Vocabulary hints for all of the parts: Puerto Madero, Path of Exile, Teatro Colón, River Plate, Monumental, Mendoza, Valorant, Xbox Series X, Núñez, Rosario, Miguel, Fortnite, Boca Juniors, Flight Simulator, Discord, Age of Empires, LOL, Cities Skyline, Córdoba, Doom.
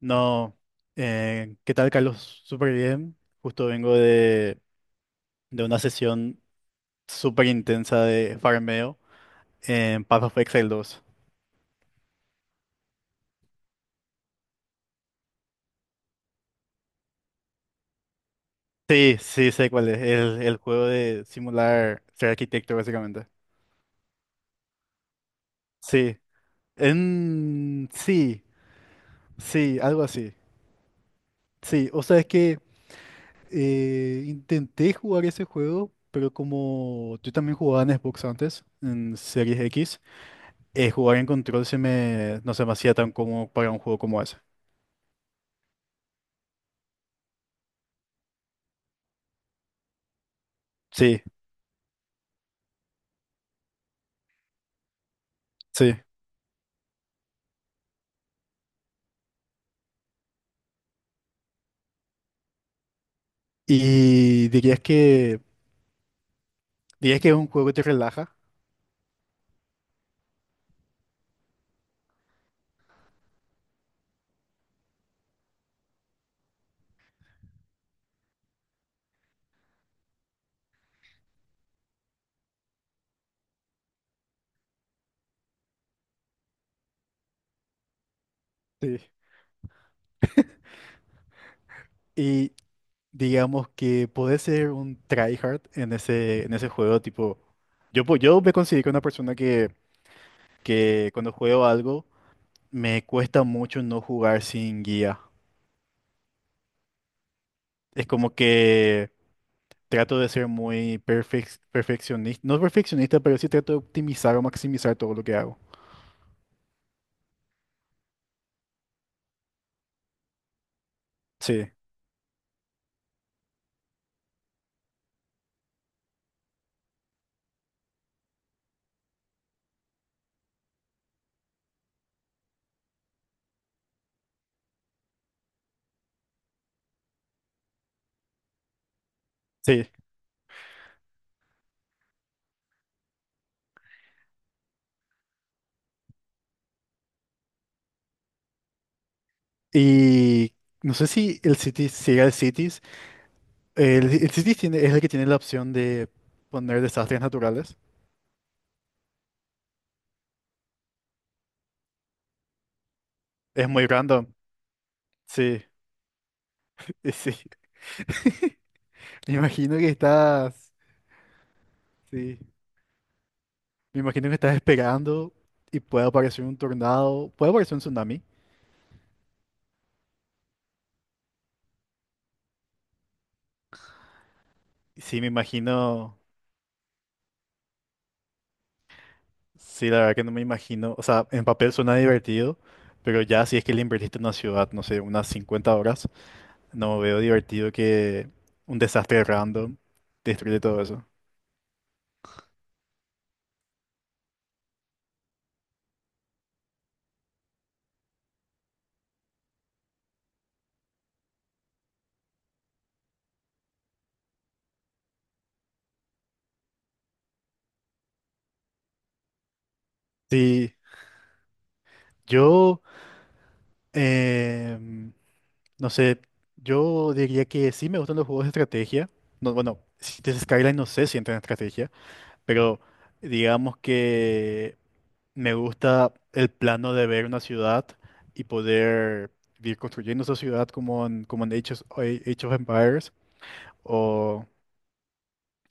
No, ¿qué tal, Carlos? Súper bien. Justo vengo de una sesión súper intensa de farmeo en Path of Exile 2. Sí, sí, sé cuál es. El juego de simular ser arquitecto, básicamente. Sí. En... Sí, sí, algo así. Sí, o sea, es que intenté jugar ese juego, pero como yo también jugaba en Xbox antes, en Series X. Eh, jugar en control no se me hacía tan cómodo para un juego como ese. Sí, sí. Y dirías que es un juego que te relaja. Sí. Y digamos que podés ser un tryhard en ese juego, tipo, yo, yo me considero una persona que cuando juego algo me cuesta mucho no jugar sin guía. Es como que trato de ser muy perfeccionista, no perfeccionista, pero sí trato de optimizar o maximizar todo lo que hago. Sí, sí. Y no sé si el Cities sigue el Cities. El Cities es el que tiene la opción de poner desastres naturales. Es muy random. Sí, sí. Me imagino que estás. Sí. Me imagino que estás esperando y puede aparecer un tornado. Puede aparecer un tsunami. Sí, me imagino. Sí, la verdad que no me imagino. O sea, en papel suena divertido, pero ya si es que le invertiste en una ciudad, no sé, unas 50 horas. No veo divertido que un desastre random destruye todo eso. Sí, yo, em, no sé, yo diría que sí me gustan los juegos de estrategia. No, bueno, Cities Skyline no sé si entra en estrategia, pero digamos que me gusta el plano de ver una ciudad y poder ir construyendo esa ciudad como como en Age of Empires.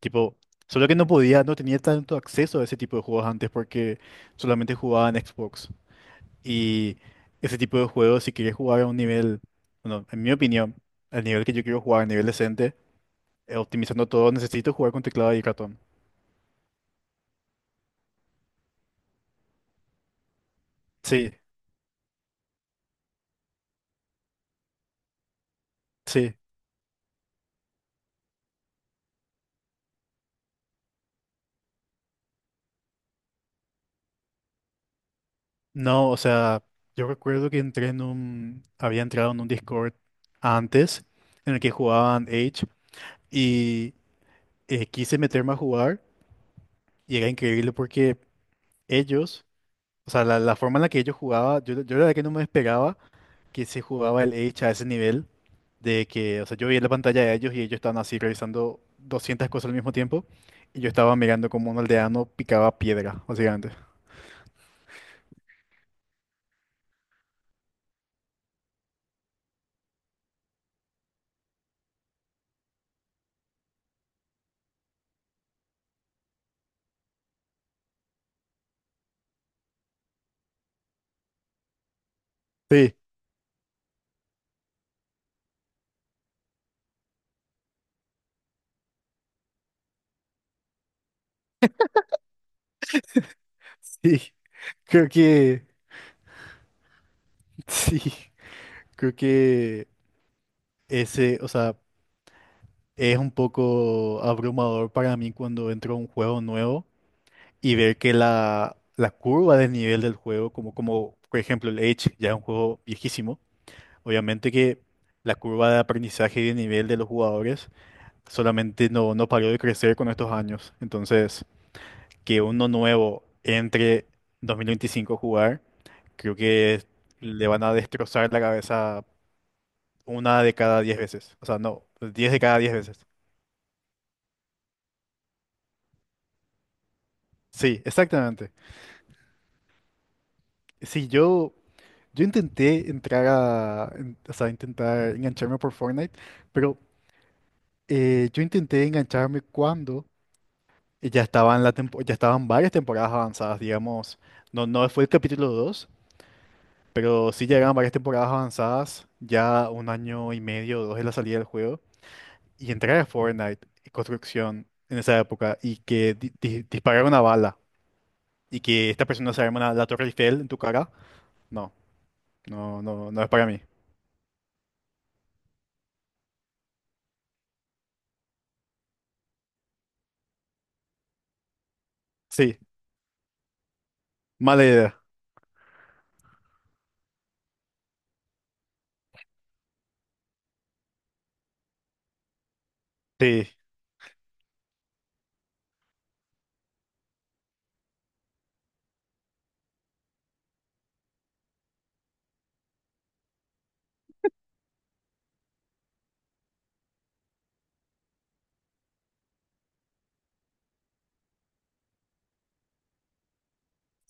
Tipo, solo que no podía, no tenía tanto acceso a ese tipo de juegos antes porque solamente jugaba en Xbox. Y ese tipo de juegos, si quería jugar a un nivel, bueno, en mi opinión, al nivel que yo quiero jugar, a nivel decente, optimizando todo, necesito jugar con teclado y ratón. Sí, sí. No, o sea, yo recuerdo que había entrado en un Discord antes en el que jugaban Age y quise meterme a jugar y era increíble porque ellos... O sea, la forma en la que ellos jugaba, yo la verdad que no me esperaba que se jugaba el Age a ese nivel, de que, o sea, yo veía la pantalla de ellos y ellos estaban así revisando 200 cosas al mismo tiempo, y yo estaba mirando como un aldeano picaba piedra, básicamente. Sí, sí, creo que, sí, creo que ese, o sea, es un poco abrumador para mí cuando entro a un juego nuevo y ver que la curva del nivel del juego, como por ejemplo el Age, ya es un juego viejísimo. Obviamente que la curva de aprendizaje y de nivel de los jugadores solamente no paró de crecer con estos años. Entonces, que uno nuevo entre 2025 a jugar, creo que le van a destrozar la cabeza una de cada 10 veces. O sea, no, 10 de cada 10 veces. Sí, exactamente. Sí, yo intenté o sea, intentar engancharme por Fortnite, pero yo intenté engancharme cuando... Y ya estaban, ya estaban varias temporadas avanzadas, digamos. No, no fue el capítulo 2, pero sí llegaban varias temporadas avanzadas, ya un año y medio o dos de la salida del juego. Y entrar a Fortnite y construcción en esa época y que disparar una bala y que esta persona se arma la Torre Eiffel en tu cara, no, no es para mí. Sí, mala idea. Sí,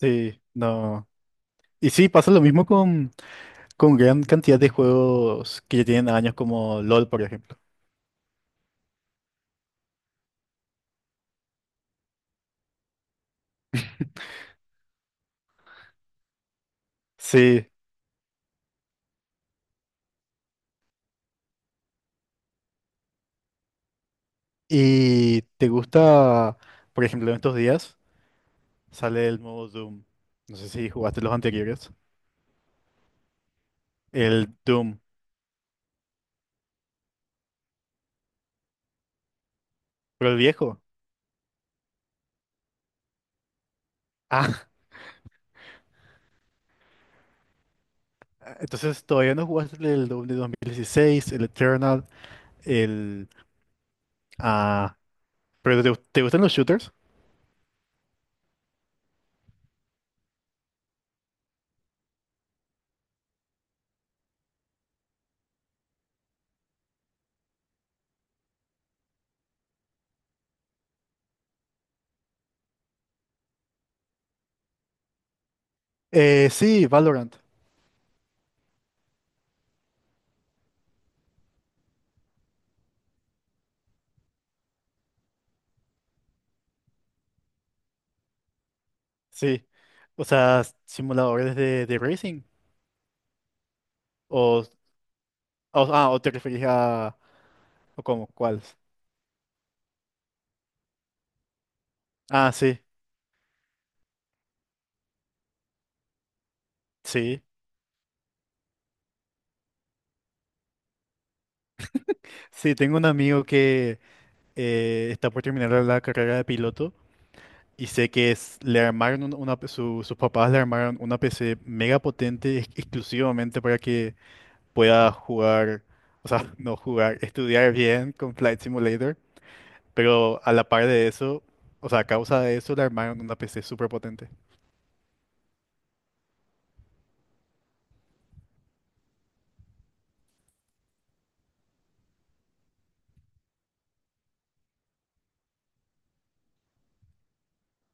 sí, no. Y sí, pasa lo mismo con gran cantidad de juegos que ya tienen años como LOL, por ejemplo. Sí, ¿y te gusta, por ejemplo, en estos días sale el nuevo Doom? No sé si jugaste los anteriores. El Doom, pero el viejo. Ah, entonces todavía no jugaste el Doom de 2016, el Eternal, el... Ah, ¿pero te gustan los shooters? Sí, Valorant, sí. O sea, simuladores de racing. O, ah, ¿o te referís a... ¿O cómo? ¿Cuáles? Ah, sí, sí. Sí, tengo un amigo está por terminar la carrera de piloto y sé que es, le armaron sus papás le armaron una PC mega potente exclusivamente para que pueda jugar, o sea, no jugar, estudiar bien con Flight Simulator, pero a la par de eso, o sea, a causa de eso le armaron una PC súper potente.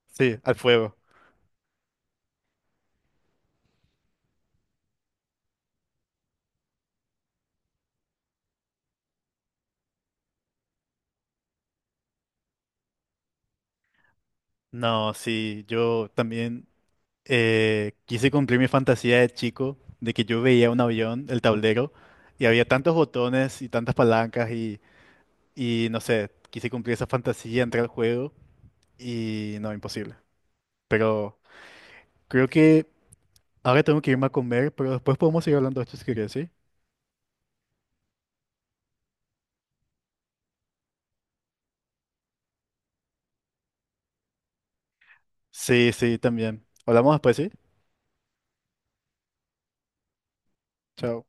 Sí, al fuego. No, sí, yo también quise cumplir mi fantasía de chico, de que yo veía un avión, el tablero, y había tantos botones y tantas palancas y... Y no sé, quise cumplir esa fantasía, entrar al juego y no, imposible. Pero creo que ahora tengo que irme a comer, pero después podemos seguir hablando de esto si querés, ¿sí? Sí, sí, también. Hablamos después, ¿sí? Chao.